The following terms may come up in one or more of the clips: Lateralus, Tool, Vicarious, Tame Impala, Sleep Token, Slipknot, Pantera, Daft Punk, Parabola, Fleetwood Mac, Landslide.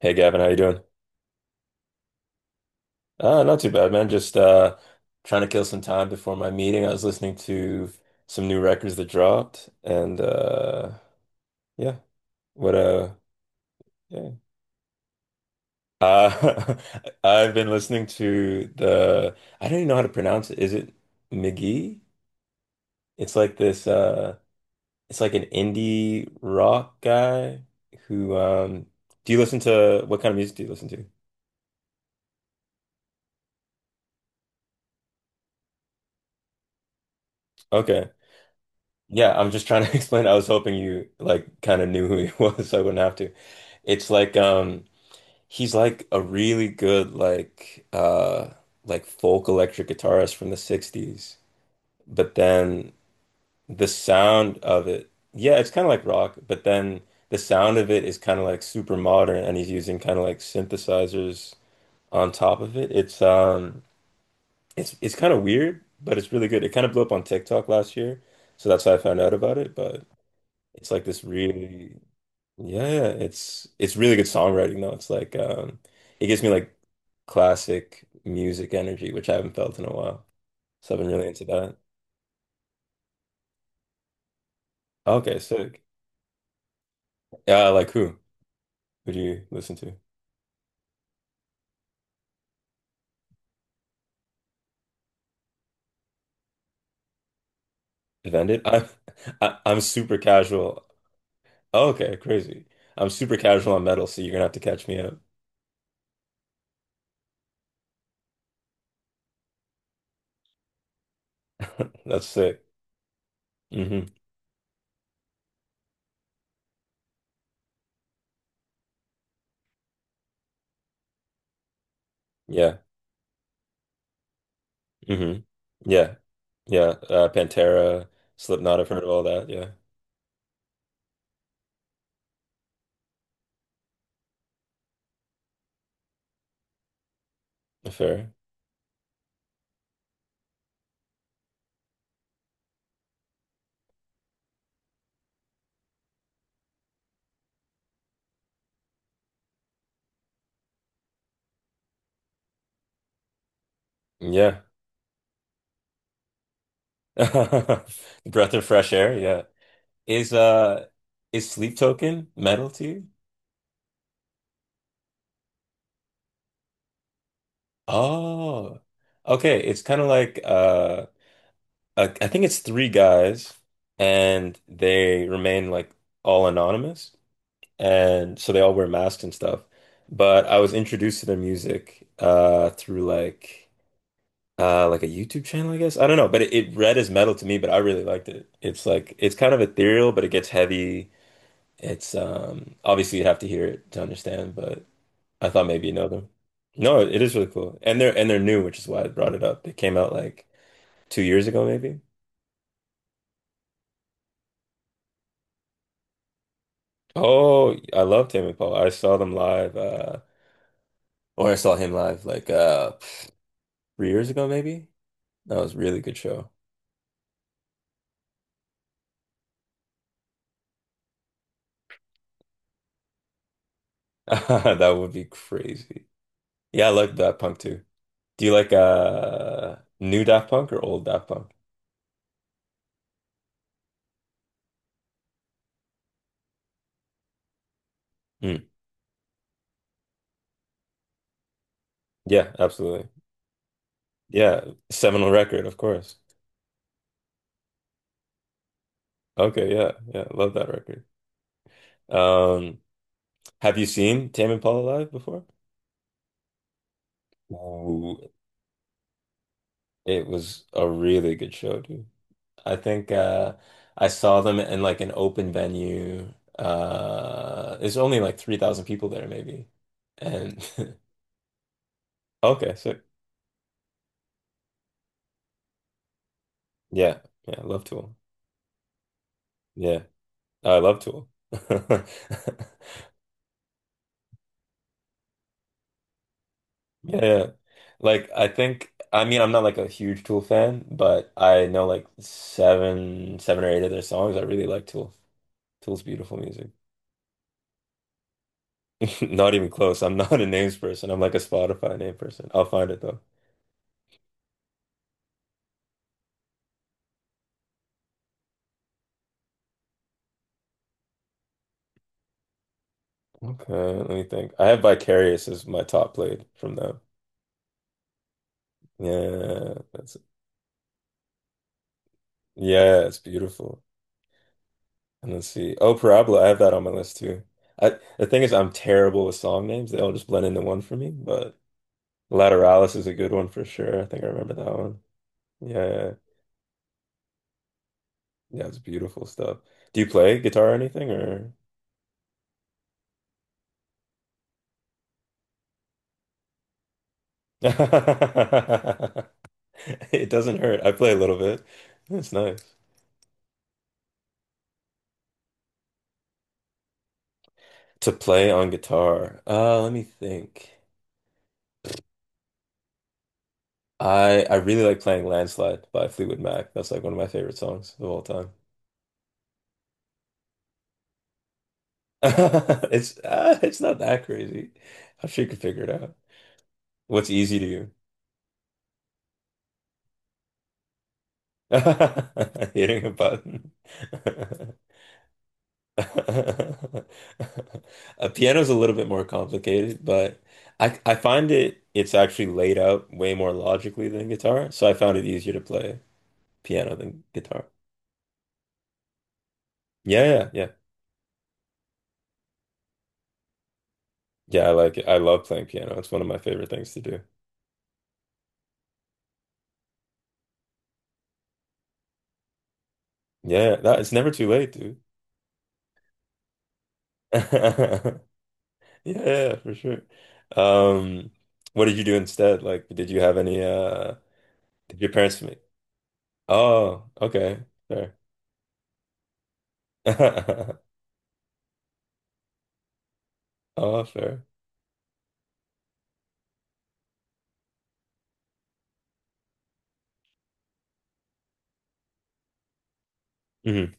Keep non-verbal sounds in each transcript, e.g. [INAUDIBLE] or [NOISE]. Hey Gavin, how you doing? Not too bad, man. Just trying to kill some time before my meeting. I was listening to some new records that dropped, and yeah, what yeah. Uh, [LAUGHS] I've been listening to the I don't even know how to pronounce it. Is it McGee? It's like this. It's like an indie rock guy who. Do you listen to what kind of music do you listen to? Okay. Yeah, I'm just trying to [LAUGHS] explain. I was hoping you like kind of knew who he [LAUGHS] was, so I wouldn't have to. It's like he's like a really good like like folk electric guitarist from the 60s. But then the sound of it, yeah, it's kind of like rock, but then the sound of it is kind of like super modern and he's using kind of like synthesizers on top of it. It's kind of weird, but it's really good. It kind of blew up on TikTok last year, so that's how I found out about it, but. It's like this really, yeah, yeah, it's really good songwriting though. It gives me like classic music energy, which I haven't felt in a while. So I've been really into that. Okay, sick. Yeah, like who? Who do you listen to? Defended? I'm [LAUGHS] I'm super casual. Oh, okay, crazy. I'm super casual on metal, so you're gonna have to catch me up. [LAUGHS] That's sick. hmm Yeah. hmm Yeah. Yeah. Pantera, Slipknot, I've heard of all that. Yeah. Fair. Yeah. [LAUGHS] Breath of fresh air, yeah. Is uh is sleep token metal to you? Oh. Okay, it's kind of like I think it's three guys and they remain like all anonymous and so they all wear masks and stuff. But I was introduced to their music through like like a YouTube channel, I guess. I don't know, but it read as metal to me, but I really liked it. It's like it's kind of ethereal, but it gets heavy. It's obviously you'd have to hear it to understand, but I thought maybe you know them. No, it is really cool. And they're new, which is why I brought it up. They came out like 2 years ago maybe. Oh, I love Tame Impala. I saw them live, or I saw him live like 3 years ago maybe. That was a really good show. [LAUGHS] That would be crazy. Yeah, I like Daft Punk too. Do you like new Daft Punk or old Daft Punk? Mm. Yeah, absolutely. Yeah, seminal record, of course. Okay, yeah, yeah, love that record. Um, have you seen Tame Impala Live before? Ooh, it was a really good show, dude. I think I saw them in like an open venue. There's only like 3,000 people there maybe. And [LAUGHS] okay, so yeah. Yeah, I love Tool. Yeah. I love Tool. [LAUGHS] Yeah, yeah. Like I think I mean I'm not like a huge Tool fan, but I know like seven or eight of their songs. I really like Tool. Tool's beautiful music. [LAUGHS] Not even close. I'm not a names person. I'm like a Spotify name person. I'll find it though. Okay, let me think. I have Vicarious as my top played from them. Yeah, that's yeah, it's beautiful. And let's see. Oh, Parabola, I have that on my list too. I The thing is I'm terrible with song names. They all just blend into one for me, but Lateralis is a good one for sure. I think I remember that one. Yeah, yeah, it's beautiful stuff. Do you play guitar or anything or [LAUGHS] It doesn't hurt. I play a little bit. It's nice. To play on guitar. Let me think. I really like playing Landslide by Fleetwood Mac. That's like one of my favorite songs of all time. [LAUGHS] It's not that crazy. I'm sure you can figure it out. What's easy to you? [LAUGHS] Hitting a button. [LAUGHS] A piano's a little bit more complicated, but I find it's actually laid out way more logically than guitar, so I found it easier to play piano than guitar. Yeah, yeah, yeah. Yeah, I like it. I love playing piano. It's one of my favorite things to do. Yeah, that it's never too late, dude. [LAUGHS] Yeah, yeah, for sure. Um, what did you do instead? Like, did your parents make? Oh, okay. Fair. [LAUGHS] Oh, fair. Mhm.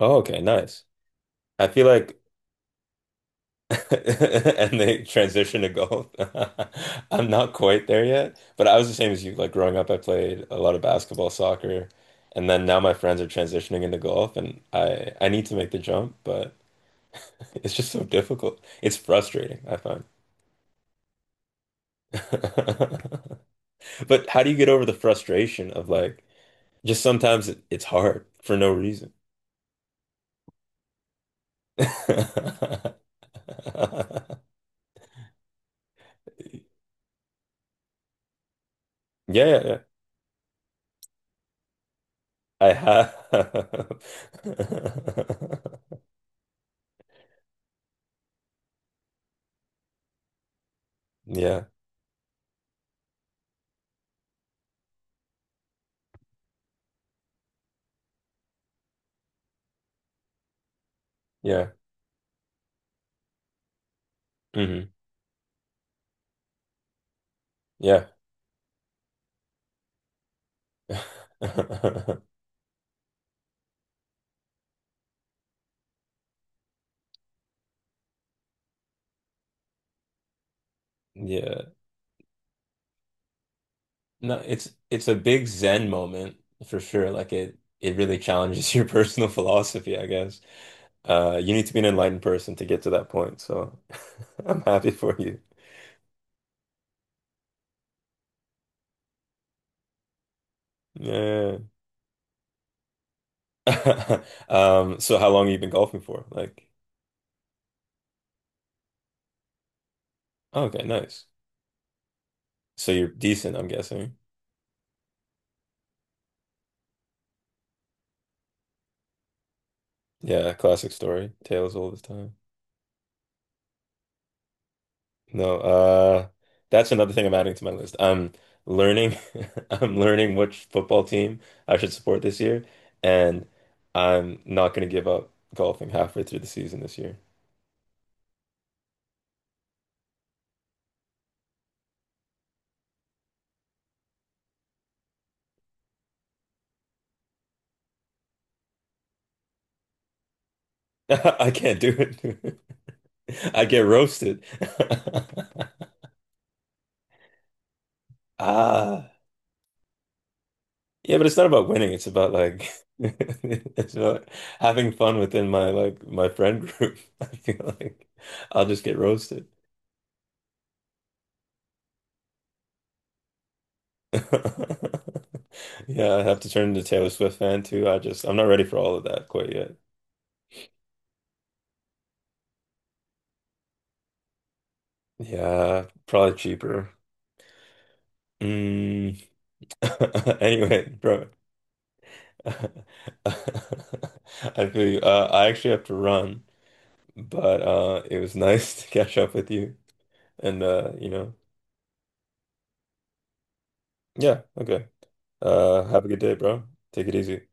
Oh, okay, nice. I feel like [LAUGHS] And they transition to golf. [LAUGHS] I'm not quite there yet, but I was the same as you. Like growing up, I played a lot of basketball, soccer, and then now my friends are transitioning into golf, and I need to make the jump, but [LAUGHS] it's just so difficult. It's frustrating, I find. [LAUGHS] But how do you get over the frustration of like just sometimes it's hard for no reason? [LAUGHS] Yeah, yeah, yeah. I have. [LAUGHS] Yeah. Yeah. hmm Yeah. [LAUGHS] Yeah. No, it's a big Zen moment for sure. Like it really challenges [LAUGHS] your personal philosophy, I guess. You need to be an enlightened person to get to that point. So [LAUGHS] I'm happy for you. Yeah. [LAUGHS] So how long have you been golfing for? Like, okay, nice. So you're decent, I'm guessing. Yeah, classic story. Tales all the time. No, That's another thing I'm adding to my list. I'm Learning, [LAUGHS] I'm learning which football team I should support this year, and I'm not going to give up golfing halfway through the season this year. [LAUGHS] I can't do it. [LAUGHS] I get roasted. [LAUGHS] Ah, yeah, but it's not about winning. It's about like [LAUGHS] it's about having fun within my friend group. [LAUGHS] I feel like I'll just get roasted. [LAUGHS] Yeah, I have to turn into Taylor Swift fan too. I'm not ready for all of that quite yet. Yeah, probably cheaper. Mm. [LAUGHS] Anyway, bro. [LAUGHS] I feel you. I actually have to run, but it was nice [LAUGHS] to catch up with you. And yeah, okay. Have a good day, bro. Take it easy.